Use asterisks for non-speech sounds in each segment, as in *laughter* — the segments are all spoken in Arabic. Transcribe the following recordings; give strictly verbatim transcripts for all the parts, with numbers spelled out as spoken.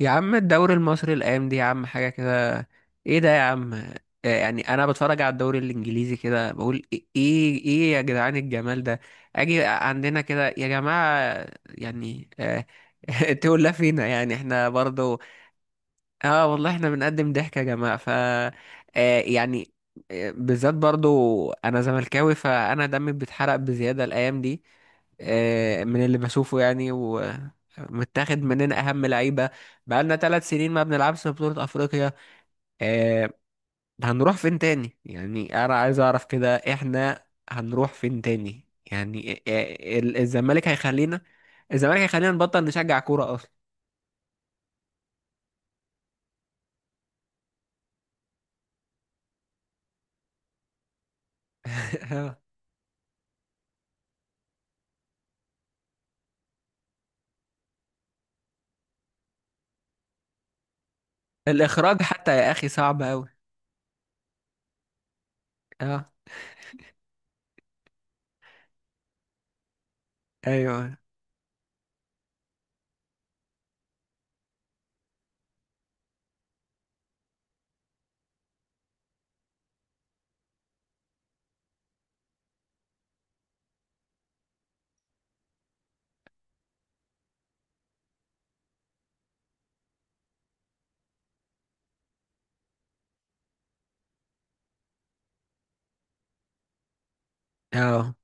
يا عم الدوري المصري الايام دي يا عم حاجه كده. ايه ده يا عم؟ آه، يعني انا بتفرج على الدوري الانجليزي كده بقول ايه ايه إيه يا جدعان الجمال ده. اجي عندنا كده يا جماعه يعني آه، *laughs* تقول لا فينا يعني احنا برضو. اه والله احنا بنقدم ضحك يا جماعة ف آه يعني آه، بالذات برضو انا زملكاوي فانا دمي بيتحرق بزيادة الايام دي. آه، من اللي بشوفه يعني ومتاخد مننا اهم لعيبة. بقالنا ثلاث سنين ما بنلعبش في بطولة افريقيا. آه، هنروح فين تاني؟ يعني انا عايز اعرف كده، احنا هنروح فين تاني؟ يعني آه، آه، ال- الزمالك هيخلينا، الزمالك هيخلينا نبطل نشجع كورة اصلا. *laughs* آه. الاخراج حتى يا اخي صعب قوي. ايوه. اه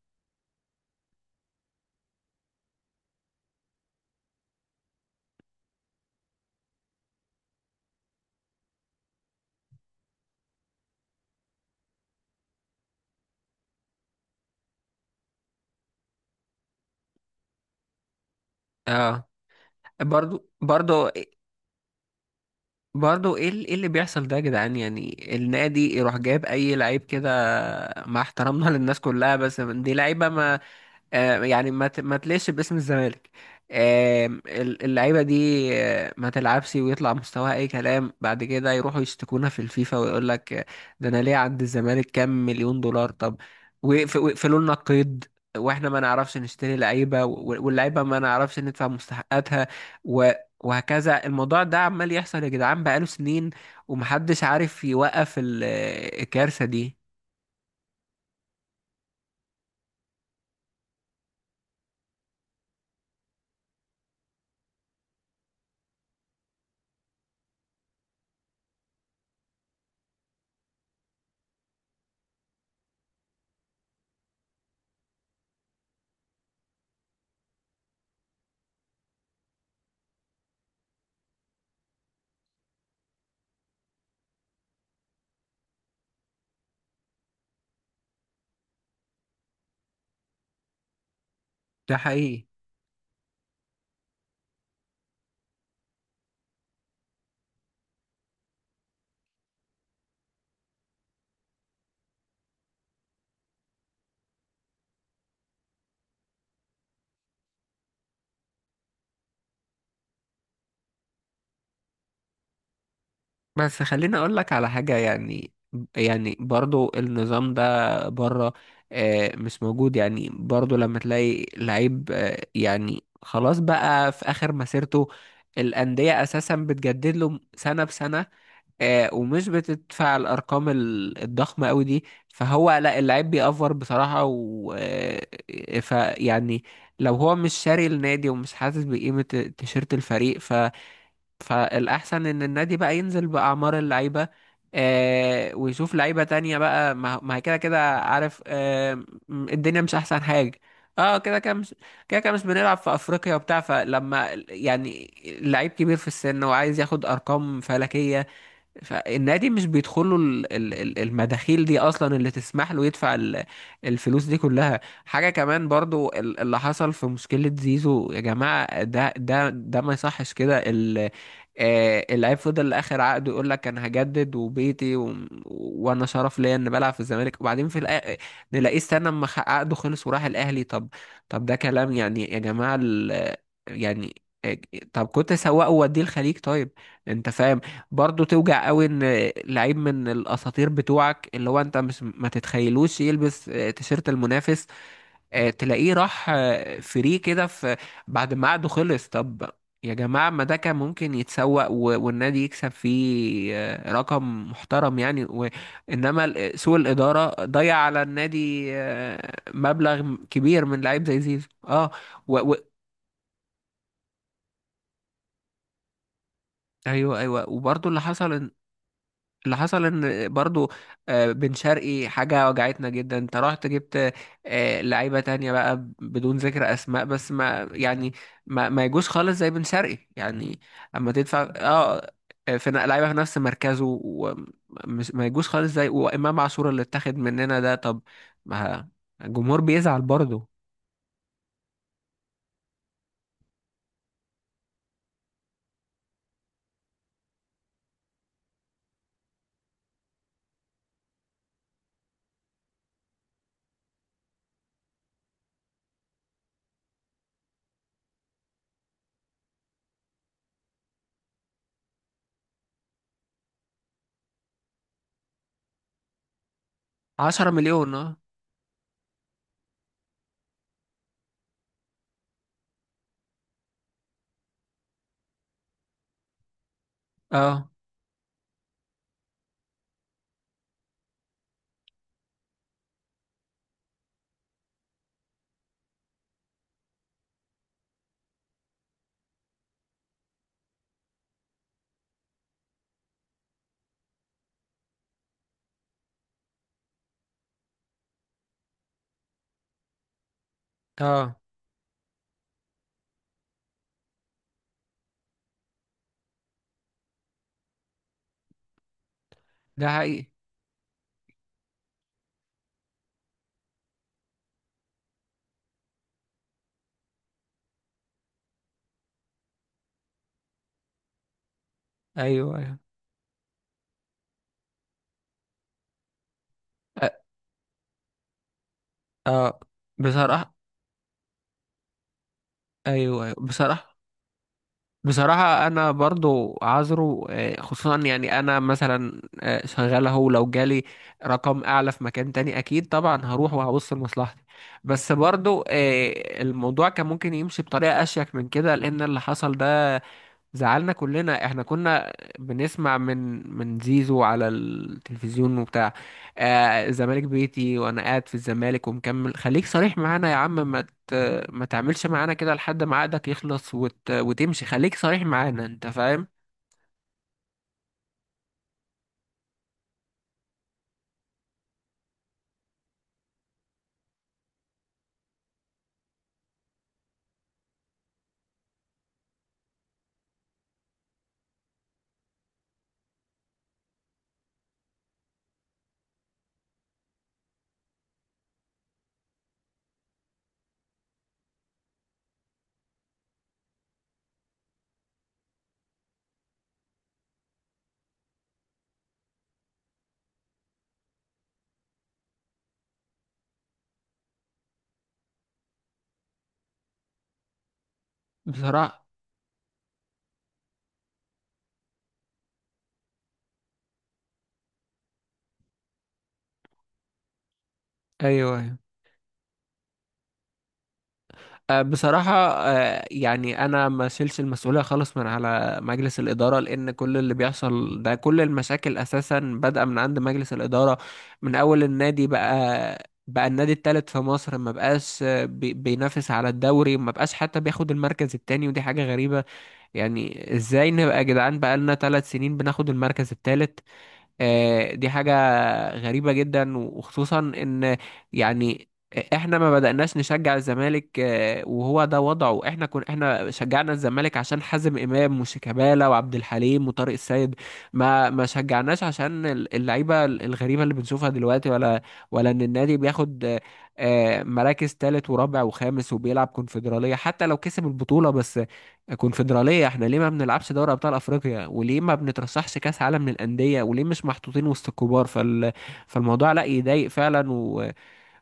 اه. برضو، برضو، برضو ايه ال- ايه اللي بيحصل ده يا جدعان؟ يعني النادي يروح جايب اي لعيب كده مع احترامنا *laughs* للناس كلها، بس دي لعيبه ما. آه، يعني ما ت- ما تليش باسم الزمالك. آه، ال- اللعيبه دي آه، ما تلعبش ويطلع مستواها اي كلام، بعد كده يروحوا يشتكونا في الفيفا ويقول لك آه، ده انا ليه عند الزمالك كام مليون دولار؟ طب ويقف- ويقفلوا لنا القيد، واحنا ما نعرفش نشتري لعيبه و- واللعيبه ما نعرفش ندفع مستحقاتها. و- وهكذا الموضوع ده عمال يحصل يا جدعان بقاله سنين، ومحدش عارف يوقف ال- الكارثه دي. ده حقيقي. بس خليني اقول لك على حاجة، يعني يعني برضو النظام ده بره آه، مش موجود. يعني برضو لما تلاقي لعيب آه، يعني خلاص بقى في اخر مسيرته، الأندية اساسا بتجدد له سنة بسنة آه، ومش بتدفع الارقام ال- الضخمة قوي دي، فهو لا اللعيب بيأفور بصراحة و آه، فيعني لو هو مش شاري النادي ومش حاسس بقيمة تيشيرت الفريق، فالأحسن إن النادي بقى ينزل بأعمار اللعيبة. آه، ويشوف لعيبة تانية بقى، ما ما هي كده كده، عارف؟ آه م- الدنيا مش أحسن حاجة. اه، كده كده مش، كده كده مش بنلعب في أفريقيا وبتاع. فلما يعني لعيب كبير في السن وعايز ياخد أرقام فلكية، فالنادي مش بيدخل له ال- ال- ال- المداخيل دي اصلا اللي تسمح له يدفع ال- الفلوس دي كلها. حاجه كمان برضو ال- اللي حصل في مشكله زيزو يا جماعه، ده ده ده ما يصحش كده. ال- آه، اللعيب فضل لاخر عقده يقول لك انا هجدد وبيتي و... وانا شرف ليا ان بلعب في الزمالك، وبعدين في الأ... نلاقيه استنى اما خ- عقده خلص وراح الاهلي. طب، طب ده كلام يعني يا جماعه ال... يعني آه، طب كنت سواقه ووديه الخليج، طيب. انت فاهم؟ برضه توجع قوي ان لعيب من الاساطير بتوعك اللي هو انت مش ما تتخيلوش يلبس آه، تيشيرت المنافس، آه، تلاقيه راح آه، فري كده في بعد ما عقده خلص. طب يا جماعة، ما ده كان ممكن يتسوق و- والنادي يكسب فيه آه، رقم محترم يعني. و- انما ال- آه، سوء الإدارة ضيع على النادي آه، مبلغ كبير من لعيب زي زيزو. اه. و... و... ايوه، ايوه، وبرضه اللي حصل، اللي حصل ان برضو آه، بن شرقي حاجة وجعتنا جدا، انت رحت جبت آه، لعيبة تانية بقى ب- بدون ذكر اسماء، بس ما يعني ما, ما يجوش خالص زي بن شرقي يعني، اما تدفع. اه، آه، في ن- لعيبة في نفس مركزه ومش ما يجوش خالص، زي وامام عاشور اللي اتاخد مننا ده. طب ما الجمهور بيزعل برضو. عشرة مليون. اه. اه. اه. ده حقيقي. ايوه، ايوه. اه. آه. بصراحة. ايوه، ايوه، بصراحة. بصراحة أنا برضو عذره، آه، خصوصا يعني أنا مثلا آه، شغال أهو، لو جالي رقم أعلى في مكان تاني أكيد طبعا هروح وهبص لمصلحتي. بس برضو آه، الموضوع كان ممكن يمشي بطريقة أشيك من كده، لأن اللي حصل ده زعلنا كلنا. احنا كنا بنسمع من، من زيزو على التلفزيون وبتاع، آه الزمالك بيتي وانا قاعد في الزمالك ومكمل. خليك صريح معانا يا عم، ما ت... ما تعملش معانا كده لحد ما عقدك يخلص وت... وتمشي، خليك صريح معانا. انت فاهم؟ بصراحة، ايوه. آه، بصراحة آه، يعني أنا ما شيلش المسؤولية خالص من على مجلس الإدارة، لأن كل اللي بيحصل ده كل المشاكل أساسا بادئة من عند مجلس الإدارة. من أول النادي بقى، بقى النادي التالت في مصر ما بقاش آه، بي- بينافس على الدوري، ما بقاش حتى بياخد المركز التاني ودي حاجة غريبة. يعني إزاي نبقى يا جدعان بقى لنا ثلاث سنين بناخد المركز التالت؟ آه، دي حاجة غريبة جدا، وخصوصا ان يعني احنا ما بدأناش نشجع الزمالك آه، وهو ده وضعه. احنا كنا احنا شجعنا الزمالك عشان حازم امام وشيكابالا وعبد الحليم وطارق السيد، ما ما شجعناش عشان ال- اللعيبة الغريبة اللي بنشوفها دلوقتي، ولا ولا ان النادي بياخد آه، آه، مراكز تالت ورابع وخامس وبيلعب كونفدرالية حتى لو كسب البطولة. بس كونفدرالية؟ احنا ليه ما بنلعبش دوري ابطال افريقيا؟ وليه ما بنترشحش كاس عالم للاندية؟ وليه مش محطوطين وسط الكبار؟ فال... فالموضوع لا يضايق فعلا و...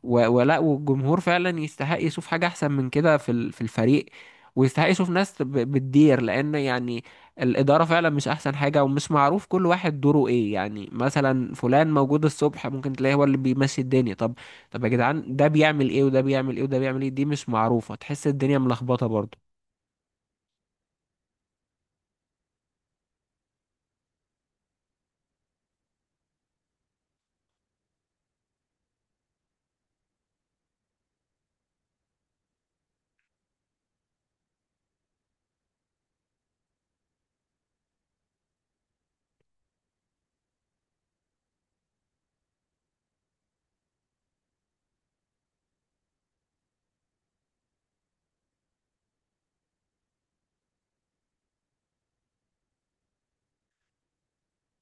و... ولا والجمهور فعلا يستحق يشوف حاجة احسن من كده في ال... في الفريق، ويستحق يشوف ناس ب... بتدير، لان يعني الادارة فعلا مش احسن حاجة، ومش معروف كل واحد دوره ايه. يعني مثلا فلان موجود الصبح ممكن تلاقيه هو اللي بيمشي الدنيا. طب، طب يا جدعان، ده بيعمل ايه وده بيعمل ايه وده بيعمل ايه؟ دي مش معروفة، تحس الدنيا ملخبطة برضه.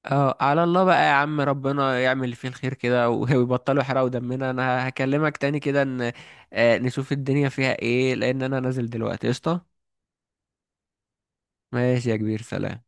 اه، على الله بقى يا عم، ربنا يعمل اللي فيه الخير كده و- *laughs* ويبطلوا يحرقوا دمنا. انا هكلمك تاني كده ان آه، نشوف الدنيا فيها ايه، لان انا نازل دلوقتي قشطة. ماشي يا كبير، سلام.